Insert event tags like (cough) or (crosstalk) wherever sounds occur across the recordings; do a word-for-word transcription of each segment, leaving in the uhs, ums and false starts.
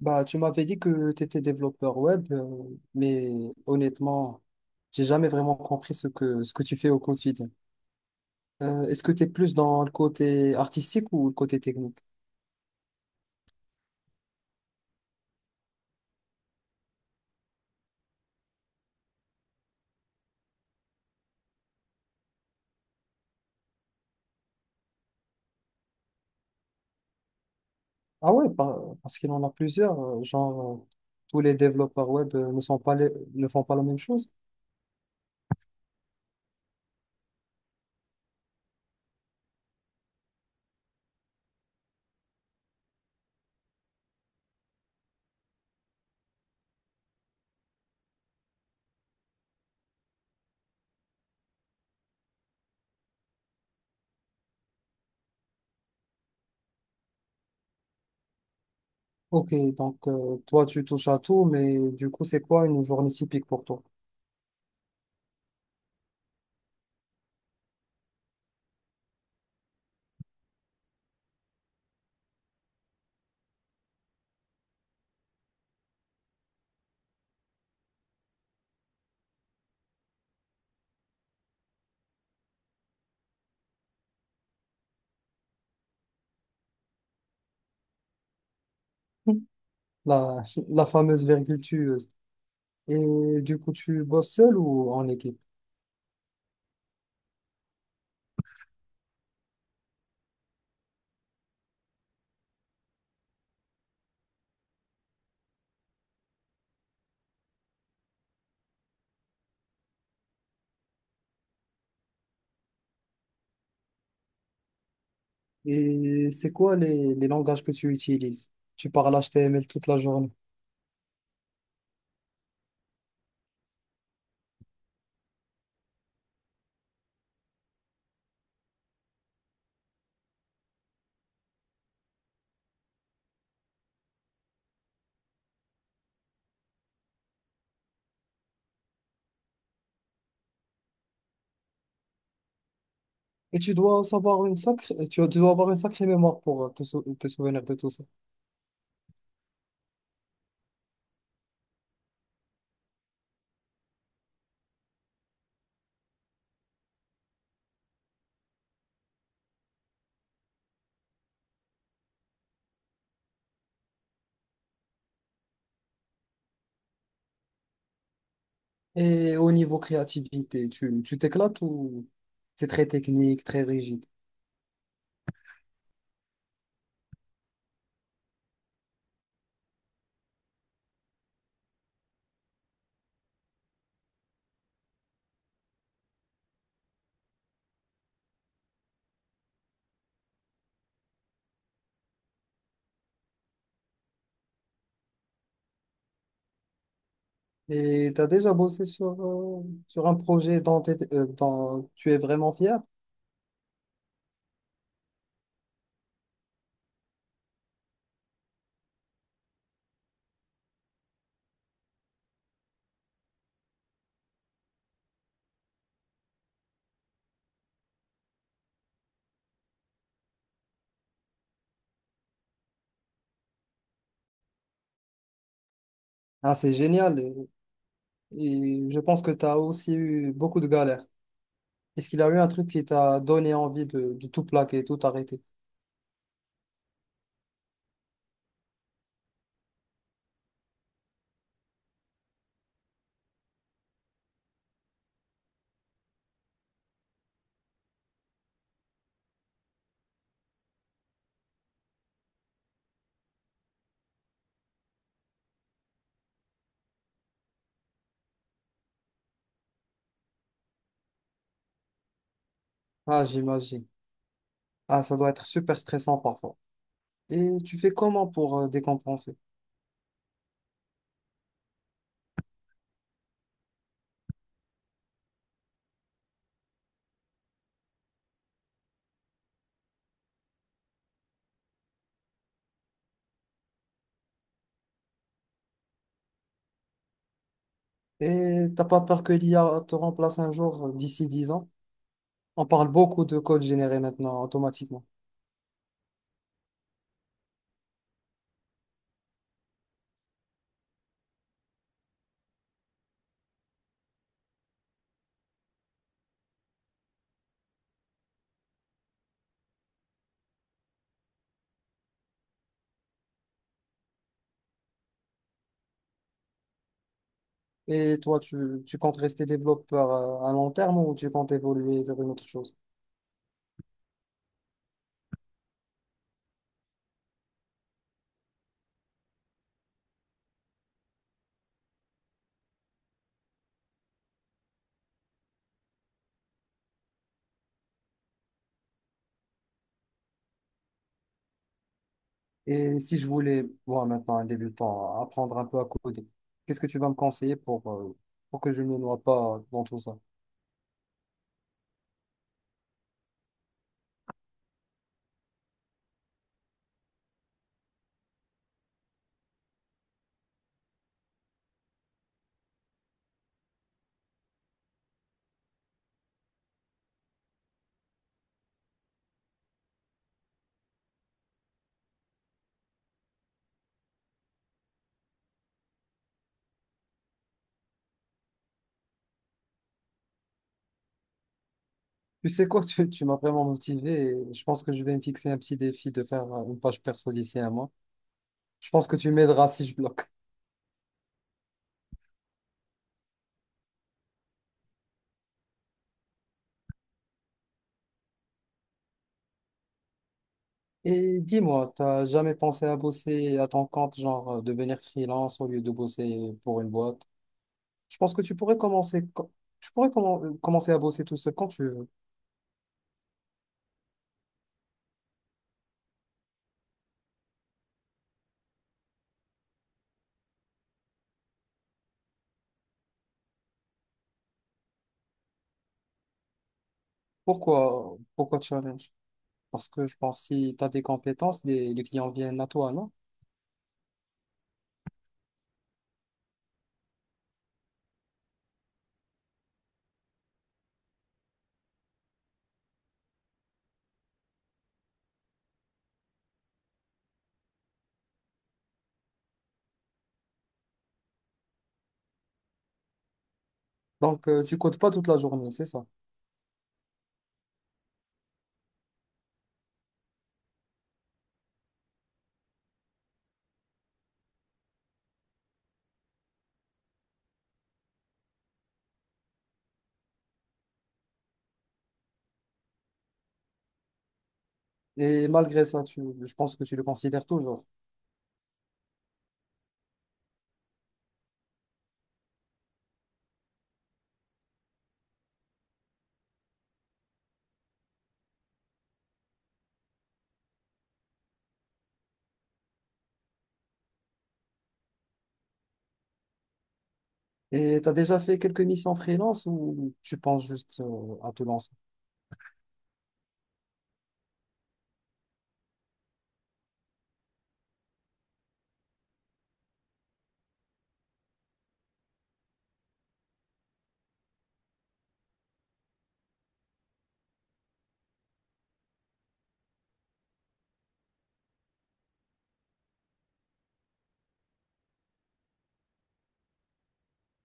Bah, tu m'avais dit que tu étais développeur web, euh, mais honnêtement, j'ai jamais vraiment compris ce que, ce que tu fais au quotidien. Euh, est-ce que tu es plus dans le côté artistique ou le côté technique? Ah ouais, par- parce qu'il en a plusieurs. euh, Genre, euh, tous les développeurs web euh, ne sont pas les- ne font pas la même chose. Ok, donc euh, toi, tu touches à tout, mais du coup, c'est quoi une journée typique pour toi? (laughs) La, la fameuse virgule tueuse. Et du coup, tu bosses seul ou en équipe? Et c'est quoi les, les langages que tu utilises? Tu parles H T M L toute la journée. Et tu dois savoir une sacrée, tu tu dois avoir une sacrée mémoire pour euh, te, sou- te souvenir de tout ça. Et au niveau créativité, tu, tu t'éclates ou c'est très technique, très rigide? Et tu as déjà bossé sur, euh, sur un projet dont, t'es- euh, dont tu es vraiment fier? Ah, c'est génial. Et, et je pense que tu as aussi eu beaucoup de galères. Est-ce qu'il a eu un truc qui t'a donné envie de, de tout plaquer, tout arrêter? Ah, j'imagine. Ah, ça doit être super stressant parfois. Et tu fais comment pour euh, décompenser? Et t'as pas peur que l'I A te remplace un jour euh, d'ici dix ans? On parle beaucoup de code généré maintenant automatiquement. Et toi, tu, tu comptes rester développeur euh, à long terme ou tu comptes évoluer vers une autre chose? Et si je voulais, moi maintenant, un débutant, apprendre un peu à coder, qu'est-ce que tu vas me conseiller pour, euh, pour que je ne me noie pas dans tout ça? Tu sais quoi, (laughs) tu, tu m'as vraiment motivé et je pense que je vais me fixer un petit défi de faire euh, une page perso d'ici un mois. Je pense que tu m'aideras si je bloque. Et dis-moi, t'as jamais pensé à bosser à ton compte, genre euh, devenir freelance au lieu de bosser pour une boîte? Je pense que tu pourrais commencer, co- tu pourrais commen- euh, commencer à bosser tout seul quand tu veux. Pourquoi, pourquoi challenge? Parce que je pense que si tu as des compétences, les, les clients viennent à toi, non? Donc, euh, tu codes pas toute la journée, c'est ça. Et malgré ça, tu, je pense que tu le considères toujours. Et tu as déjà fait quelques missions freelance ou tu penses juste euh, à te lancer?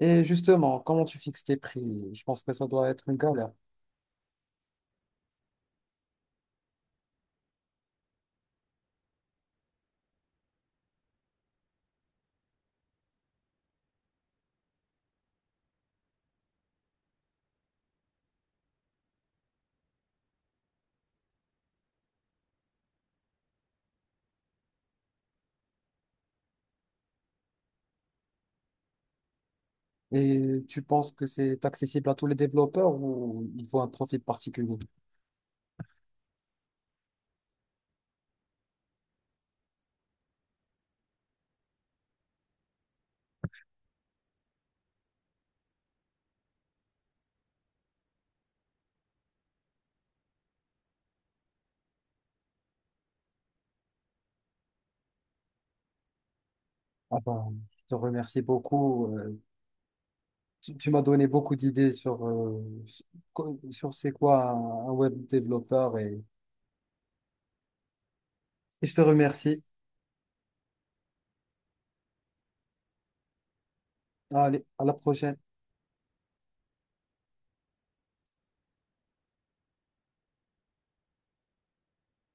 Et justement, comment tu fixes tes prix? Je pense que ça doit être une galère. Et tu penses que c'est accessible à tous les développeurs ou il faut un profil particulier? Ah ben, je te remercie beaucoup. euh, tu tu m'as donné beaucoup d'idées sur, euh, sur co- sur c'est quoi un, un web développeur et, et je te remercie. Allez, à la prochaine.